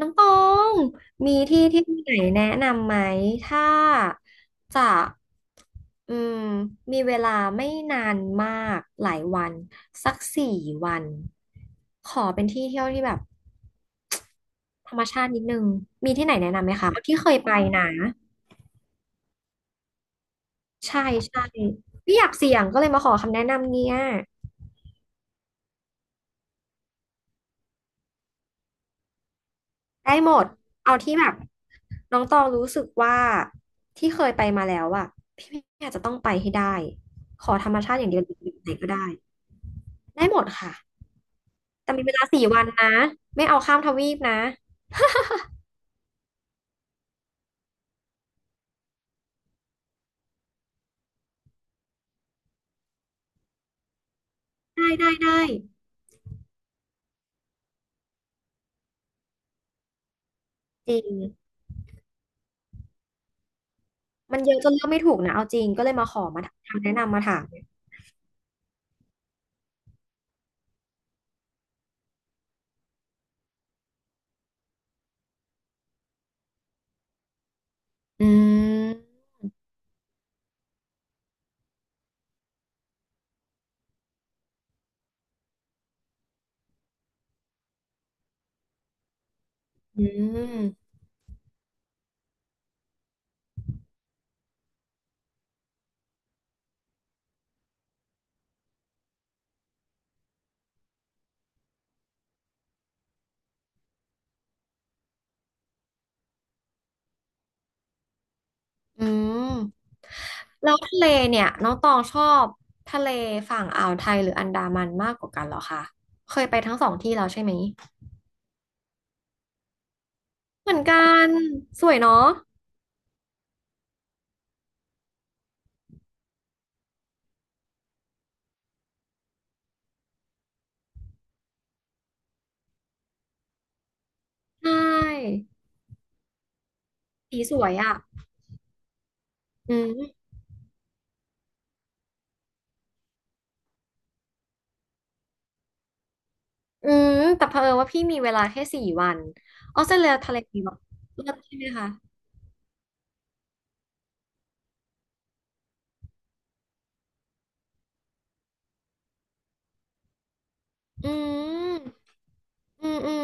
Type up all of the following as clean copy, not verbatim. น้องตอง มีที่เที่ยวไหนแนะนำไหม ถ้าจะอืมมีเวลาไม่นานมากหลายวันสักสี่วันขอเป็นที่เที่ยวที่แบบธรรมชาตินิดนึง มีที่ไหนแนะนำไหมคะที่เคยไปนะ ใช่ใช่ไม่อยากเสี่ยงก็เลยมาขอคำแนะนำเนี่ย ได้หมด เอาที่แบบน้องตองรู้สึกว่าที่เคยไปมาแล้วอะพี่อาจจะต้องไปให้ได้ขอธรรมชาติอย่างเดียวอยู่ไหนก็ได้ได้หมดค่ะแต่มีเวลาสี่วันนะไม่เอาข้ามทวีปนะได้ได้ได้จริงมันเยอะจนเลือกไม่ถูกนะเอาจริงก็เลยมาขอมาทำแนะนำมาถามอืมอืมอืมแล้วทะเลเนี่ยน้องตองชอบทะเลฝั่งอ่าวไทยหรืออันดามันมากกว่ากันเหรอคะเคยไปทั้งสองที่แล้วใช่ไหม เหมือนกันสวยเนาะใช่สีสวยอ่ะอืมอืมแต่เผอิญว่าพี่มีเวลาแค่สี่วันออสเตรเลียทะเลมีแบบเลิศใช่ไหมคะอืมอืมอืม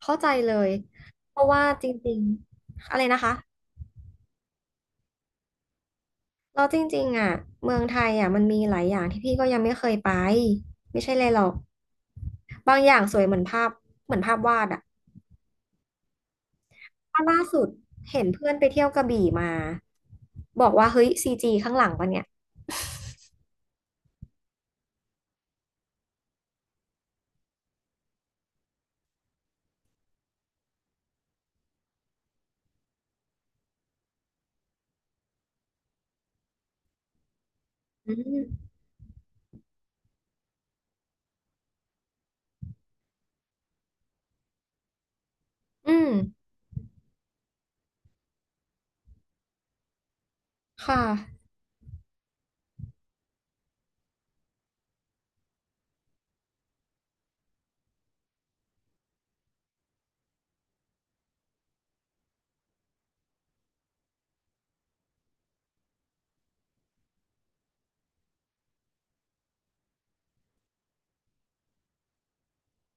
เข้าใจเลยเพราะว่าจริงๆอะไรนะคะเราจริงๆอ่ะเมืองไทยอ่ะมันมีหลายอย่างที่พี่ก็ยังไม่เคยไปไม่ใช่เลยหรอกบางอย่างสวยเหมือนภาพเหมือนภาพวาดอ่ะล่าสุดเห็นเพื่อนไปเที่ยวกระบี่มาบอกว่าเฮ้ยซีจีข้างหลังปะเนี่ย อืมอืมค่ะ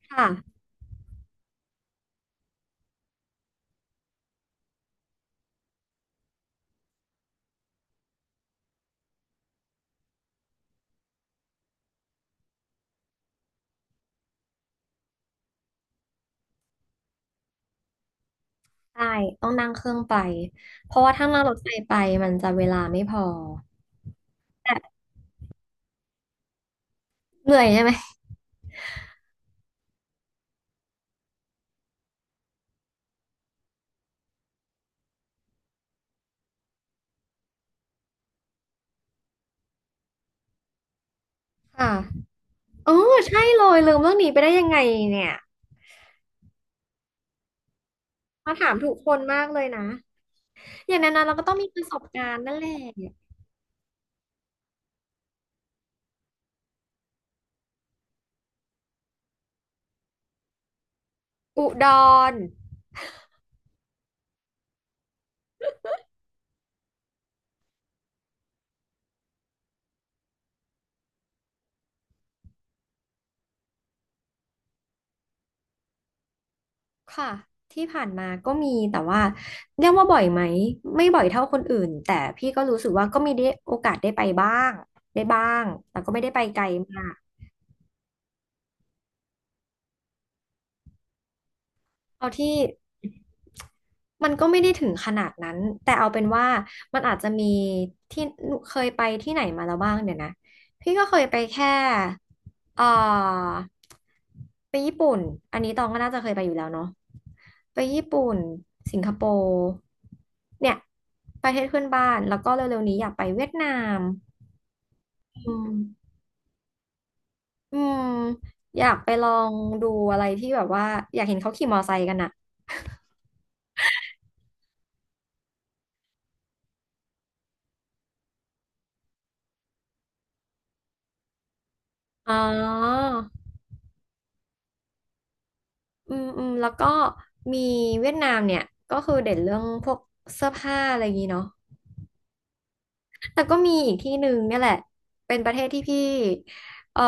ค่ะใช่ต้องนั่งเครื่องไป เพราะว่าถ้านั่งรถไฟไปมันจะเวลาไม่พอ แต่เหนื่อยใช่ไหมค่ะอ๋อใช่เลย ลืมเรื่องนี้ไปได้ยังไงเนี่ย มาถามถูกคนมากเลยนะอย่างนั้นนะเราก็ต้องมีประสบการณ์นั่นแหละอุดรค่ะ ที่ผ่านมาก็มีแต่ว่าเรียกว่าบ่อยไหม ไม่บ่อยเท่าคนอื่น แต่พี่ก็รู้สึกว่าก็มีได้โอกาสได้ไปบ้างได้บ้างแต่ก็ไม่ได้ไปไกลมาก เอาที่มันก็ไม่ได้ถึงขนาดนั้นแต่เอาเป็นว่ามันอาจจะมีที่เคยไปที่ไหนมาแล้วบ้างเนี่ยนะพี่ก็เคยไปแค่เอ่อไปญี่ปุ่นอันนี้ตองก็น่าจะเคยไปอยู่แล้วเนาะไปญี่ปุ่นสิงคโปร์เนี่ยประเทศเพื่อนบ้านแล้วก็เร็วๆนี้อยากไปเวียดนามอืมอืมอยากไปลองดูอะไรที่แบบว่าอยากเห็นเขาขี่มอไซค์กันอะอ๋อ อืมอืมแล้วก็มีเวียดนามเนี่ยก็คือเด่นเรื่องพวกเสื้อผ้าอะไรอย่างนี้เนาะแต่ก็มีอีกที่หนึ่งเนี่ยแหละเป็นประเทศที่พี่เอ่อ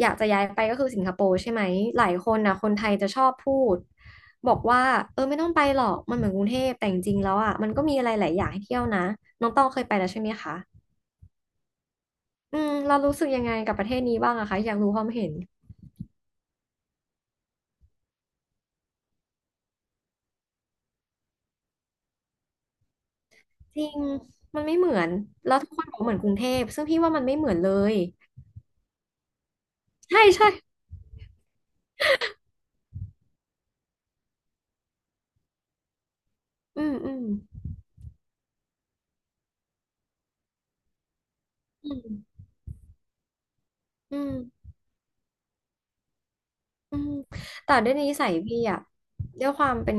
อยากจะย้ายไปก็คือสิงคโปร์ใช่ไหมหลายคนนะคนไทยจะชอบพูดบอกว่าเออไม่ต้องไปหรอกมันเหมือนกรุงเทพแต่จริงๆแล้วอ่ะมันก็มีอะไรหลายอย่างให้เที่ยวนะน้องต้องเคยไปแล้วใช่ไหมคะอืมเรารู้สึกยังไงกับประเทศนี้บ้างอะคะอยากรู้ความเห็นจริงมันไม่เหมือนแล้วทุกคนบอกเหมือนกรุงเทพซึ่งพี่ว่ามันไม่เหมือนเลยใช่ใช่ อืมอืมอืมอืม อืมแต่ด้วยนิสัยพี่อะด้วยความเป็น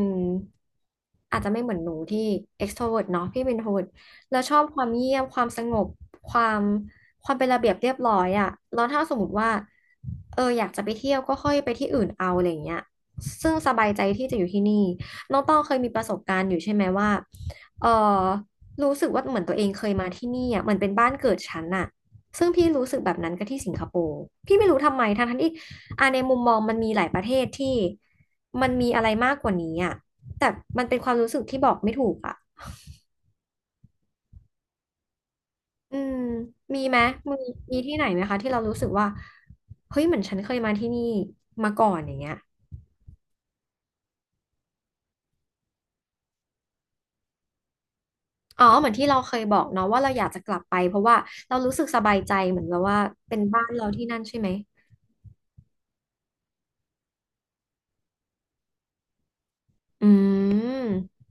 อาจจะไม่เหมือนหนูที่ extrovert เนาะพี่เป็น introvert แล้วชอบความเงียบความสงบความความเป็นระเบียบเรียบร้อยอะแล้วถ้าสมมติว่าเอออยากจะไปเที่ยวก็ค่อยไปที่อื่นเอาอะไรอย่างเงี้ยซึ่งสบายใจที่จะอยู่ที่นี่น้องต้องเคยมีประสบการณ์อยู่ใช่ไหมว่าเออรู้สึกว่าเหมือนตัวเองเคยมาที่นี่อะเหมือนเป็นบ้านเกิดฉันอะซึ่งพี่รู้สึกแบบนั้นก็ที่สิงคโปร์พี่ไม่รู้ทำไมทั้งๆที่ อ่ะในมุมมองมันมีหลายประเทศที่มันมีอะไรมากกว่านี้อ่ะแต่มันเป็นความรู้สึกที่บอกไม่ถูกอ่ะอืมมีไหมมีมีที่ไหนไหมคะที่เรารู้สึกว่าเฮ้ยเหมือนฉันเคยมาที่นี่มาก่อนอย่างเงี้ยอ๋อเหมือนที่เราเคยบอกเนาะว่าเราอยากจะกลับไปเพราะว่าเรารู้สึกสบายใจเหมือนแบบว่าเป็นบ้านเราที่นั่นใช่ไหมอืม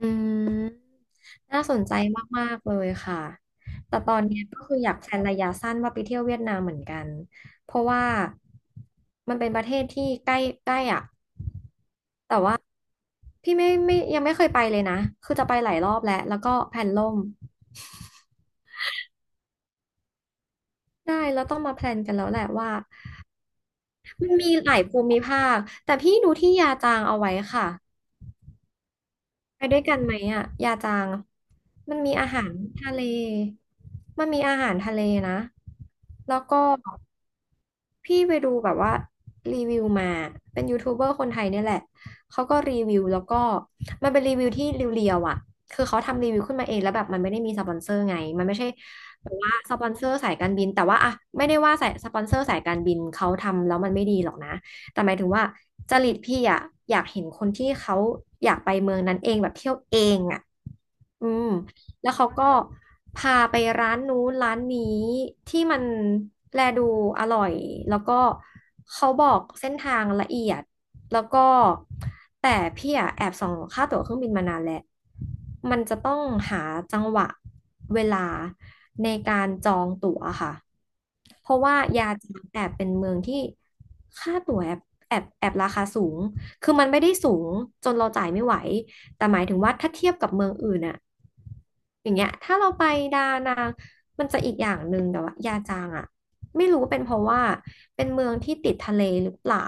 อืมน่าสนใจมากๆเลยค่ะแต่ตอนเนี้ยก็คืออยากแพลนระยะสั้นว่าไปเที่ยวเวียดนามเหมือนกันเพราะว่ามันเป็นประเทศที่ใกล้ใกล้อ่ะแต่ว่าพี่ไม่ไม่ยังไม่เคยไปเลยนะคือจะไปหลายรอบแล้วแล้วก็แพลนล่มได้แล้วต้องมาแพลนกันแล้วแหละว่ามันมีหลายภูมิภาคแต่พี่ดูที่ยาจางเอาไว้ค่ะ ไปด้วยกันไหมอ่ะยาจางมันมีอาหารทะเลมันมีอาหารทะเลนะแล้วก็ พี่ไปดูแบบว่ารีวิวมาเป็นยูทูบเบอร์คนไทยเนี่ยแหละเขาก็รีวิวแล้วก็มันเป็นรีวิวที่เรียวๆอ่ะคือเขาทำรีวิวขึ้นมาเองแล้วแบบมันไม่ได้มีสปอนเซอร์ไงมันไม่ใช่แบบว่าสปอนเซอร์สายการบินแต่ว่าอะไม่ได้ว่าสายสปอนเซอร์สายการบินเขาทำแล้วมันไม่ดีหรอกนะแต่หมายถึงว่าจริตพี่อะอยากเห็นคนที่เขาอยากไปเมืองนั้นเองแบบเที่ยวเองอ่ะอืม แล้วเขาก็พาไปร้านนู้นร้านนี้ที่มันแลดูอร่อยแล้วก็เขาบอกเส้นทางละเอียดแล้วก็แต่พี่อะแอบส่องค่าตั๋วเครื่องบินมานานแล้วมันจะต้องหาจังหวะเวลาในการจองตั๋วค่ะเพราะว่ายาจีนแอบเป็นเมืองที่ค่าตั๋วแอบแอบราคาสูงคือมันไม่ได้สูงจนเราจ่ายไม่ไหว แต่หมายถึงว่าถ้าเทียบกับเมืองอื่นอะอย่างเงี้ยถ้าเราไปดานังมันจะอีกอย่างหนึ่งแต่ว่ายาจางอะไม่รู้เป็นเพราะว่าเป็นเมืองที่ติดทะเลหรือเปล่า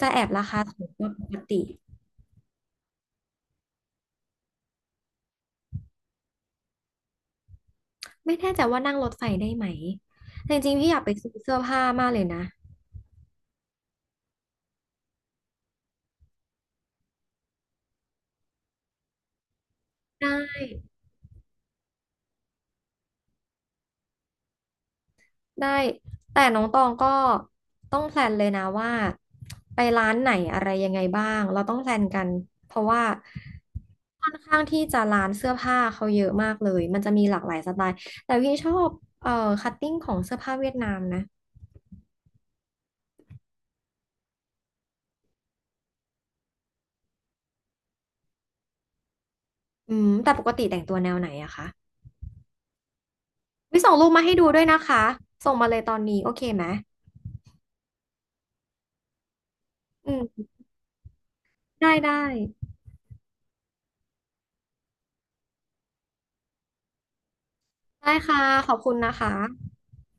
จะแอบราคาสูงกว่าปกติไม่แน่ใจว่านั่งรถไฟได้ไหมแต่จริงๆพี่อยากไปซื้อเสื้อผ้ามากเลยนะได้ ได้แต่น้องตองก็ต้องแพลนเลยนะว่าไปร้านไหนอะไรยังไงบ้างเราต้องแพลนกันเพราะว่าค่อนข้างที่จะร้านเสื้อผ้าเขาเยอะมากเลยมันจะมีหลากหลายสไตล์แต่พี่ชอบเอ่อคัตติ้งของเสื้อผ้าเวียดนามนะอืมแต่ปกติแต่งตัวแนวไหนอะคะวิส่งรูปมาให้ดูด้วยนะคะส่งมาเลยตอนนี้โอเคไหมอืมได้ได้ค่ะขอบคุณนะคะ